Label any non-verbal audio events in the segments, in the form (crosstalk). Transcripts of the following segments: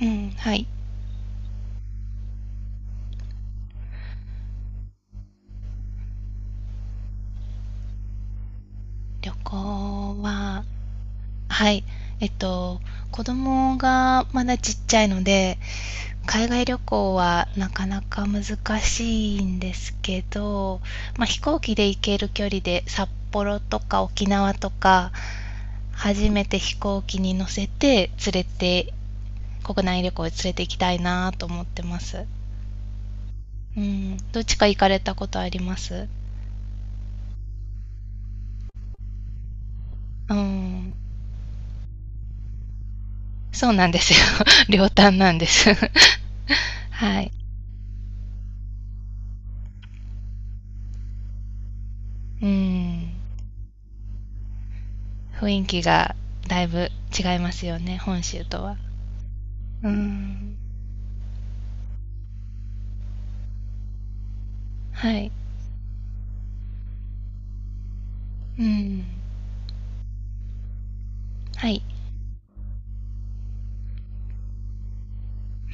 うん、はい。旅行は、はい。えっと、子供がまだちっちゃいので、海外旅行はなかなか難しいんですけど、まあ、飛行機で行ける距離で札幌とか沖縄とか、初めて飛行機に乗せて連れて、国内旅行へ連れて行きたいなと思ってます。うん。どっちか行かれたことあります？うん。そうなんですよ。(laughs) 両端なんです。(laughs) はい。うん。雰囲気がだいぶ違いますよね、本州とは。うん。はい。うん。はい。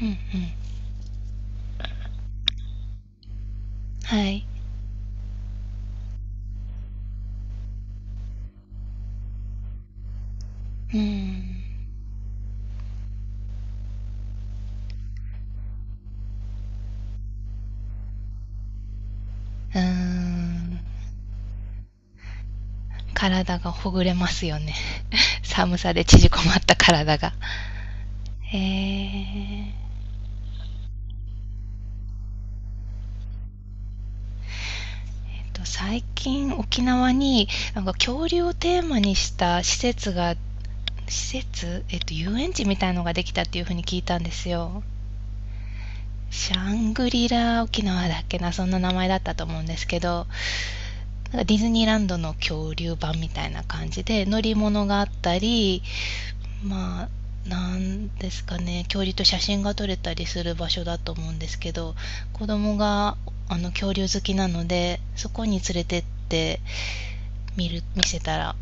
うんうん。はい。うん。うーん。体がほぐれますよね。(laughs) 寒さで縮こまった体が。えー最近沖縄になんか恐竜をテーマにした施設、遊園地みたいのができたっていうふうに聞いたんですよ。シャングリラ沖縄だっけな、そんな名前だったと思うんですけど、なんかディズニーランドの恐竜版みたいな感じで、乗り物があったり、まあ、なんですかね、恐竜と写真が撮れたりする場所だと思うんですけど、子供が恐竜好きなので、そこに連れてって見せたら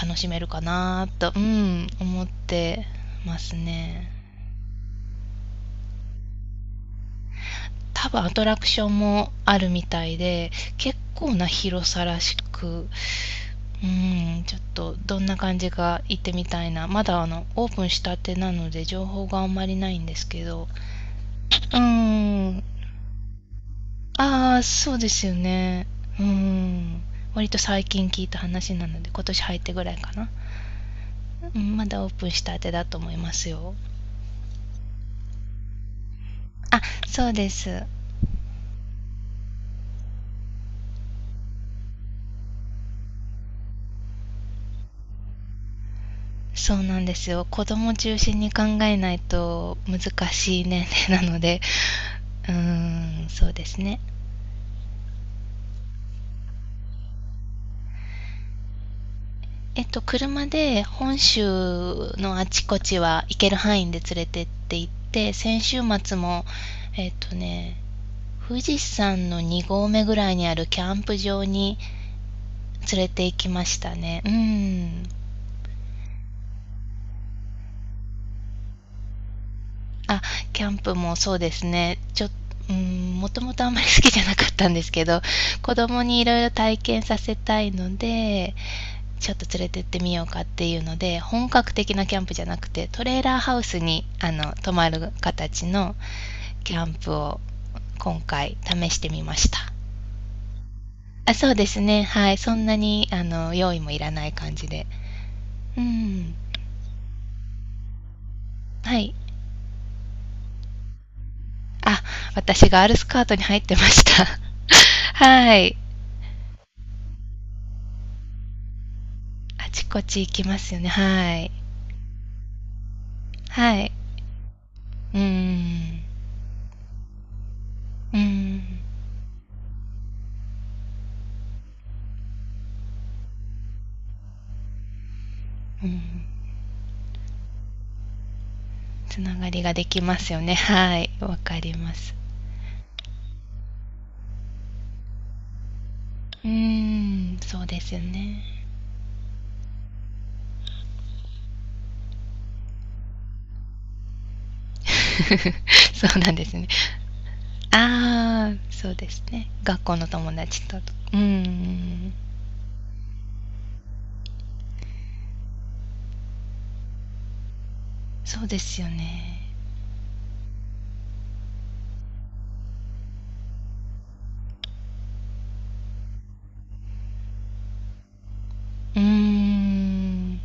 楽しめるかなと、うん、思ってますね。多分アトラクションもあるみたいで、結構な広さらしく、うん、ちょっとどんな感じか行ってみたいな。まだオープンしたてなので情報があんまりないんですけど。うーん。ああ、そうですよね。うーん。割と最近聞いた話なので、今年入ってぐらいかな。うん、まだオープンしたてだと思いますよ。あ、そうです。そうなんですよ。子供中心に考えないと難しい年齢 (laughs) なので、うーん、そうですね。車で本州のあちこちは行ける範囲で連れてって行って、先週末も、えっとね、富士山の2合目ぐらいにあるキャンプ場に連れて行きましたね。うん。あ、キャンプもそうですね。ちょうん、もともとあんまり好きじゃなかったんですけど、子供にいろいろ体験させたいので、ちょっと連れてってみようかっていうので、本格的なキャンプじゃなくて、トレーラーハウスに、泊まる形のキャンプを今回試してみました。あ、そうですね。はい。そんなに、用意もいらない感じで。うん。はい。あ、私ガールスカートに入ってました。(laughs) はい。あちこち行きますよね。はい。はい。うーん。うーん。うん。つながりができますよね。はい。わかります。うーん。そうですよね。(laughs) そうなんですね。ああ、そうですね。学校の友達と。うーん。そうですよね。うーん。ね、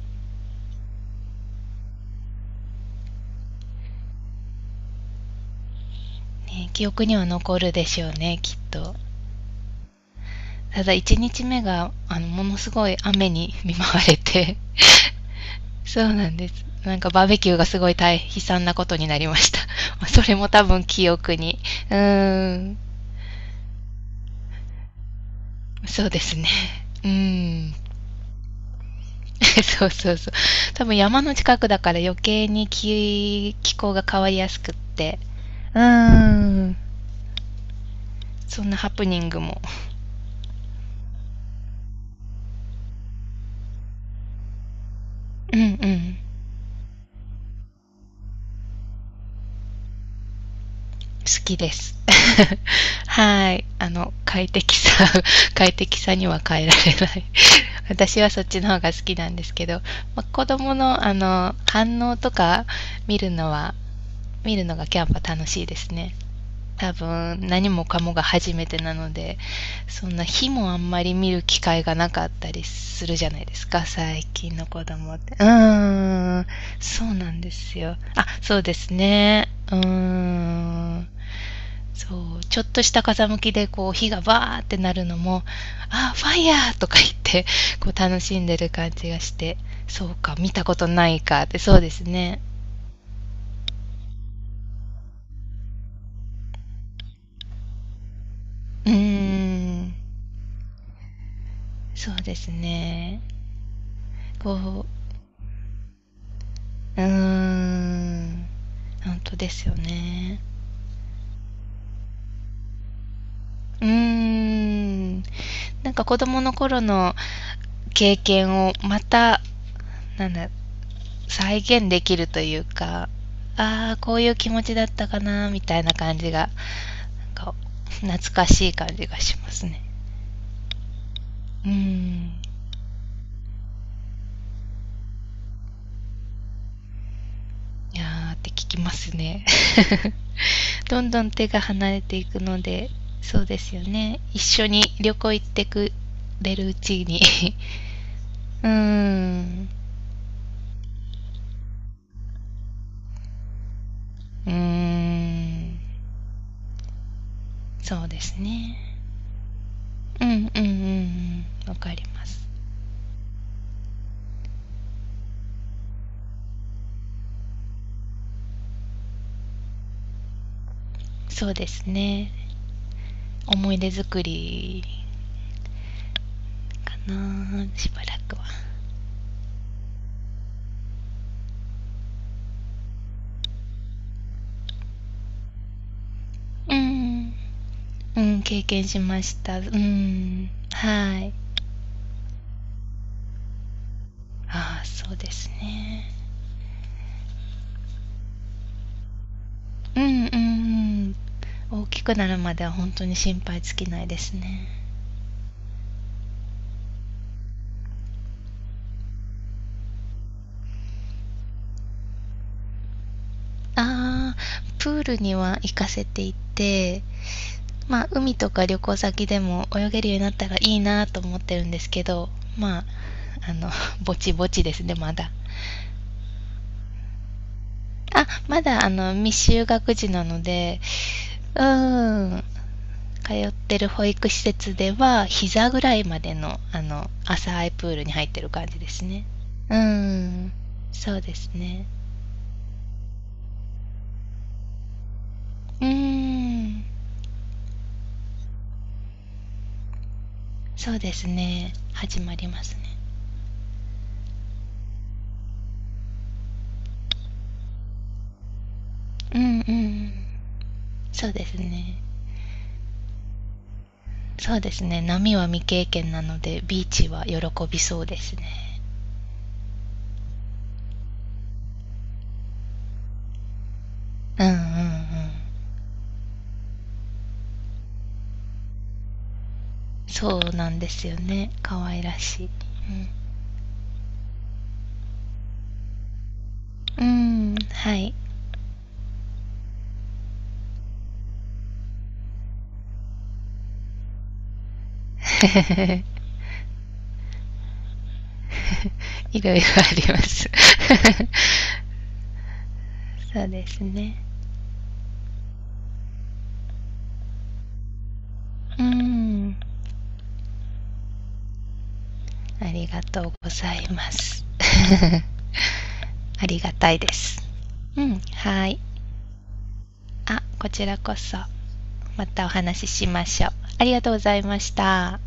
記憶には残るでしょうね、きっと。ただ1日目がものすごい雨に見舞われて。そうなんです。なんかバーベキューがすごい大悲惨なことになりました。(laughs) それも多分記憶に。うーん。そうですね。うーん。(laughs) そうそうそう。多分山の近くだから余計に気候が変わりやすくって。うーん。そんなハプニングも。うんうん。好きです。(laughs) はい。快適さ、(laughs) 快適さには変えられない (laughs) 私はそっちの方が好きなんですけど、まあ、子供の、反応とか見るのは、見るのがキャンパ楽しいですね。多分、何もかもが初めてなので、そんな日もあんまり見る機会がなかったりするじゃないですか、最近の子供って。うーん、そうなんですよ。あ、そうですね。うーん。そう、ちょっとした風向きでこう火がバーってなるのも、あ、ファイヤーとか言って、(laughs) こう楽しんでる感じがして、そうか、見たことないかって、そうですね。うーん、そうですね。こう、うーん、本当ですよね。うーん、なんか子供の頃の経験をまた、なんだ、再現できるというか、ああ、こういう気持ちだったかな、みたいな感じが、なんか、懐かしい感じがしますね。うーん。いやーって聞きますね (laughs)。どんどん手が離れていくので、そうですよね。一緒に旅行行ってくれるうちに (laughs)。うーん。うーん。そうですね。うん、うん、うん、うん。わかります。そうですね。思い出作りかな。しばらくは。うん。うん、経験しました。うん、はい。ああ、そうですね。うん、うん、うん。大きくなるまでは本当に心配尽きないですね。ああ、プールには行かせていて、まあ海とか旅行先でも泳げるようになったらいいなと思ってるんですけど、まあ、あのぼちぼちですね、まだ。あ、まだ未就学児なので、うーん、通ってる保育施設では、膝ぐらいまでの、浅いプールに入ってる感じですね。うーん、そうですね。うーん、そうですね。始まりますね。うんうん、そうですね。そうですね。波は未経験なので、ビーチは喜びそうですね。うんうんうん。そうなんですよね。可愛らしい。うん、うん、はい。(laughs) (laughs) いろいろあります (laughs)。そうですね。うん。ありがとうございます (laughs)。ありがたいです。うん、はい。あ、こちらこそ、またお話ししましょう。ありがとうございました。